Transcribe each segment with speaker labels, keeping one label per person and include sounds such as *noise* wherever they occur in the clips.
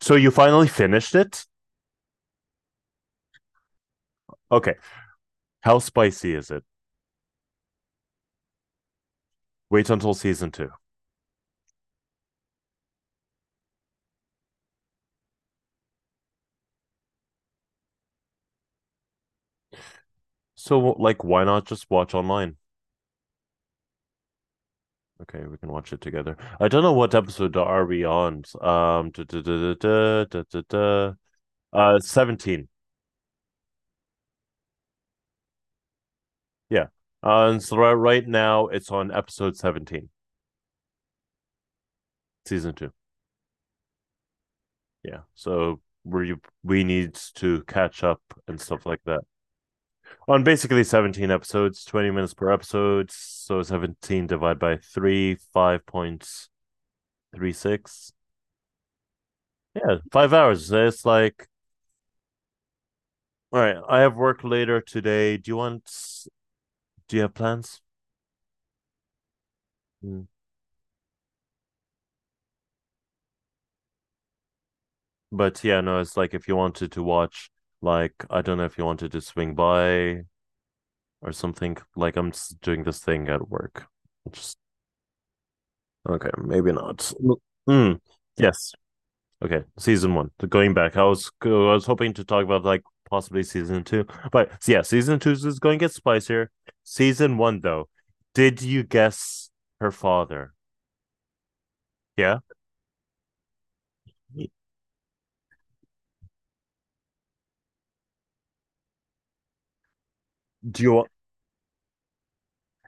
Speaker 1: So you finally finished it? Okay. How spicy is it? Wait until season two. So, like, why not just watch online? Okay, we can watch it together. I don't know what episode are we on. Da, da, da, da, da, da, da. 17 Yeah. And so right now it's on episode 17, season two. Yeah. So we need to catch up and stuff like that on basically 17 episodes, 20 minutes per episode. So 17 divided by three, 5.36. Yeah, 5 hours. It's like, all right, I have work later today. Do you want? Do you have plans? Mm. But yeah, no, it's like if you wanted to watch, like I don't know if you wanted to swing by or something. Like I'm just doing this thing at work. Just okay, maybe not. Mm. Yes. Okay, season one. Going back, I was hoping to talk about like possibly season two, but yeah, season two is going to get spicier. Season one, though, did you guess her father? Yeah. Do you want?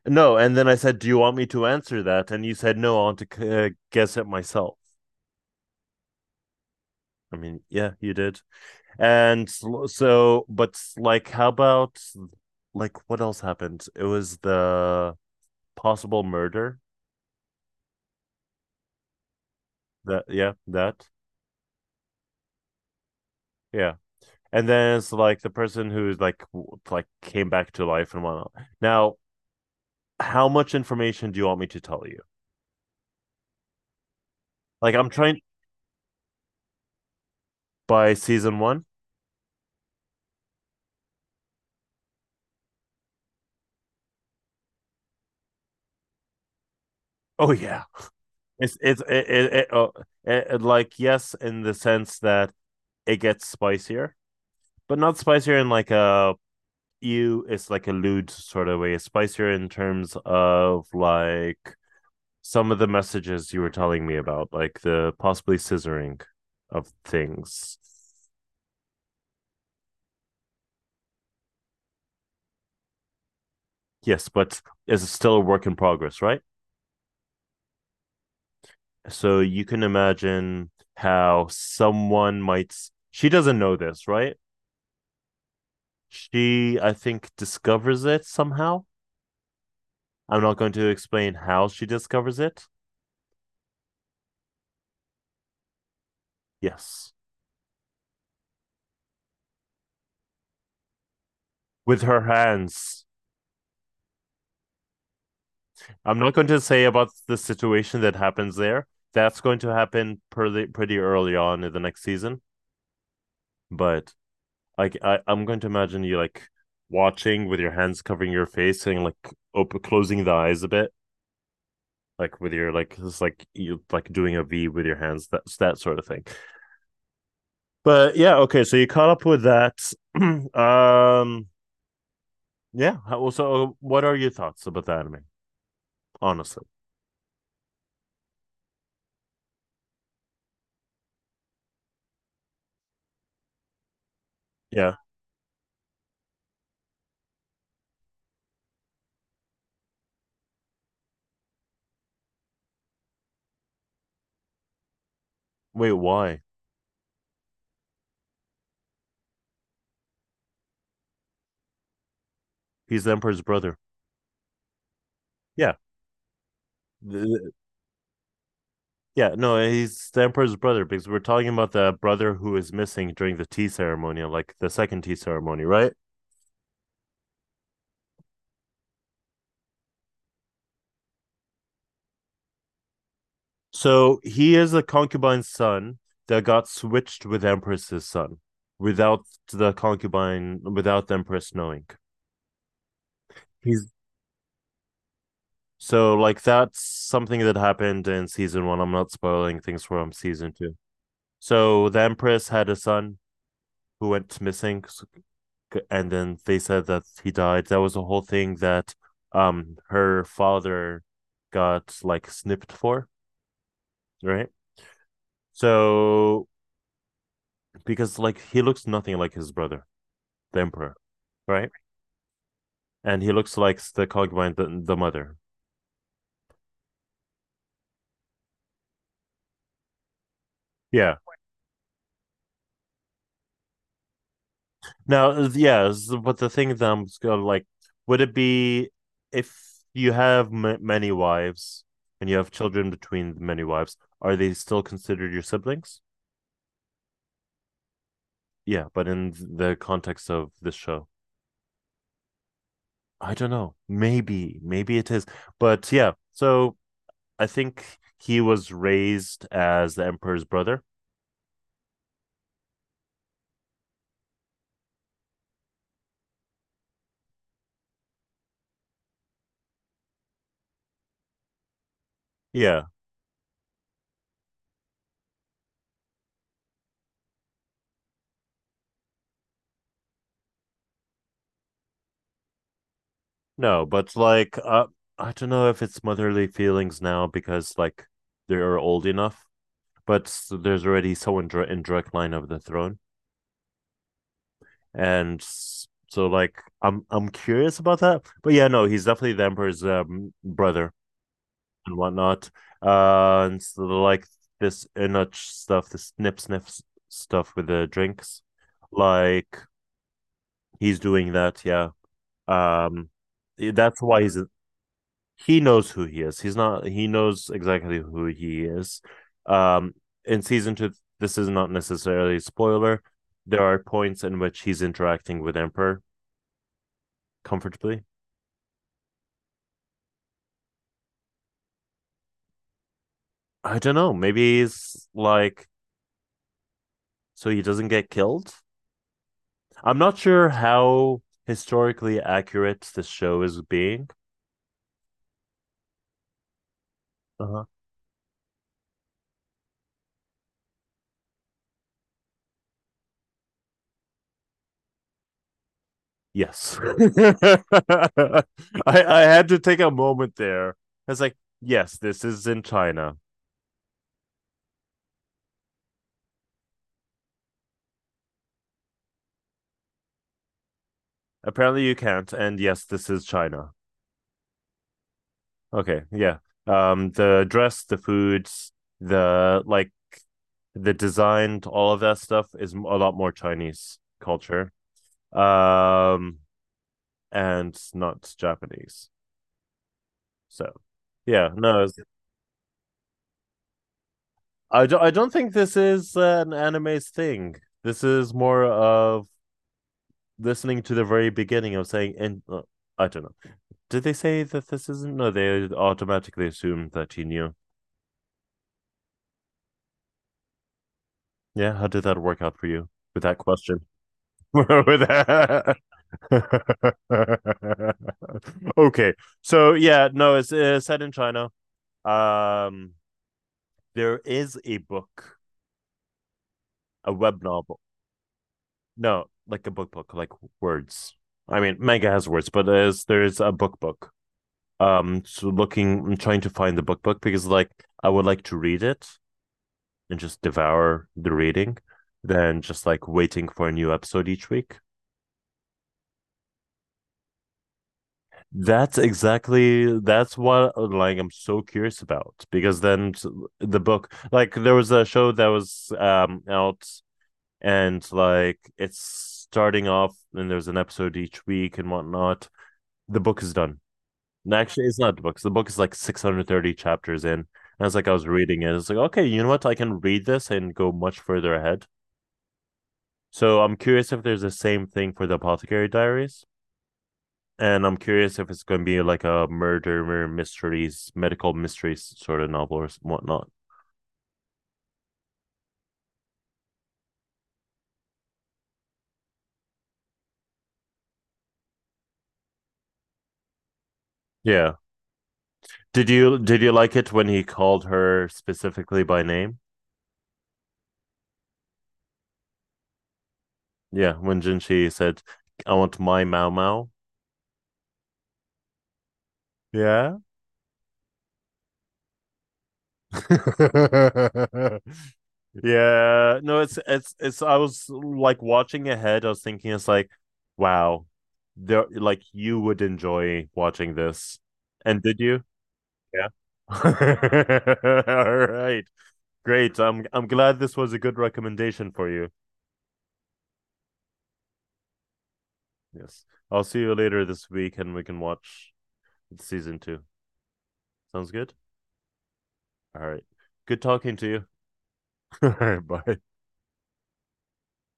Speaker 1: No, and then I said, "Do you want me to answer that?" And you said, "No, I want to guess it myself." I mean, yeah, you did. And so but like, how about like what else happened? It was the possible murder. That yeah, that yeah. And then it's like the person who's like came back to life and whatnot. Now, how much information do you want me to tell you? Like, I'm trying by season one. Oh yeah, it's it, it, it, oh, it like yes in the sense that it gets spicier, but not spicier in like a you it's like a lewd sort of way. It's spicier in terms of like some of the messages you were telling me about, like the possibly scissoring of things. Yes, but it's still a work in progress, right? So you can imagine how someone might. She doesn't know this, right? She, I think, discovers it somehow. I'm not going to explain how she discovers it. Yes, with her hands. I'm not going to say about the situation that happens there. That's going to happen pretty early on in the next season. But like, I'm going to imagine you like watching with your hands covering your face and like open, closing the eyes a bit like with your like it's like you like doing a V with your hands. That's that sort of thing. But yeah, okay. So you caught up with that. *clears throat* um, yeah. Well, so what are your thoughts about the anime? Honestly, yeah. Wait, why? He's the emperor's brother. Yeah. Yeah, no, he's the emperor's brother because we're talking about the brother who is missing during the tea ceremony, like the second tea ceremony, right? So he is a concubine's son that got switched with Empress's son without the concubine, without the Empress knowing. He's So, like, that's something that happened in season one. I'm not spoiling things from season two. So, the Empress had a son who went missing, and then they said that he died. That was a whole thing that her father got like snipped for, right? So, because like he looks nothing like his brother. The emperor, right? And he looks like the Cogwine, the mother. Yeah. Now, yeah, but the thing that I'm gonna, like, would it be if you have many wives and you have children between the many wives, are they still considered your siblings? Yeah, but in the context of this show, I don't know. Maybe, maybe it is. But yeah, so I think he was raised as the emperor's brother. Yeah, no, but like I don't know if it's motherly feelings now because like they are old enough, but there's already someone in direct line of the throne, and so like I'm curious about that. But yeah, no, he's definitely the emperor's brother and whatnot. And so like this Inuch stuff, this snip sniff stuff with the drinks, like he's doing that. Yeah, um, that's why he's he knows who he is. He's not. He knows exactly who he is. Um, in season two, this is not necessarily a spoiler. There are points in which he's interacting with Emperor comfortably. I don't know. Maybe he's like so he doesn't get killed. I'm not sure how historically accurate this show is being. Uh-huh. Yes, *laughs* I had to take a moment there. It's like yes, this is in China. Apparently you can't. And yes, this is China. Okay, yeah. The dress, the foods, the like, the design, all of that stuff is a lot more Chinese culture. Um, and not Japanese. So, yeah, no, I don't think this is an anime's thing. This is more of listening to the very beginning of saying, and I don't know. Did they say that this isn't? No, they automatically assumed that he knew. Yeah, how did that work out for you with that question? *laughs* with that. *laughs* Okay, so yeah, no, it's set in China. Um, there is a book, a web novel. No, like a book book, like words. I mean, manga has words, but there's a book book. So looking, I'm trying to find the book book because like I would like to read it and just devour the reading, than just like waiting for a new episode each week. That's what like I'm so curious about because then the book like there was a show that was out and like it's starting off and there's an episode each week and whatnot. The book is done. And actually, it's not the book The book is like 630 chapters in. And it's like I was reading it. It's like okay, you know what? I can read this and go much further ahead. So I'm curious if there's the same thing for the Apothecary Diaries. And I'm curious if it's going to be like a murder mysteries, medical mysteries sort of novel or whatnot. Yeah. Did you like it when he called her specifically by name? Yeah, when Jinshi said, "I want my Mao Mao." Yeah. *laughs* yeah. No, it's it's. I was like watching ahead. I was thinking, it's like, wow, there like you would enjoy watching this. And did you? Yeah. *laughs* All right. Great. I'm glad this was a good recommendation for you. Yes. I'll see you later this week and we can watch season two. Sounds good? All right. Good talking to you. *laughs* All right. Bye.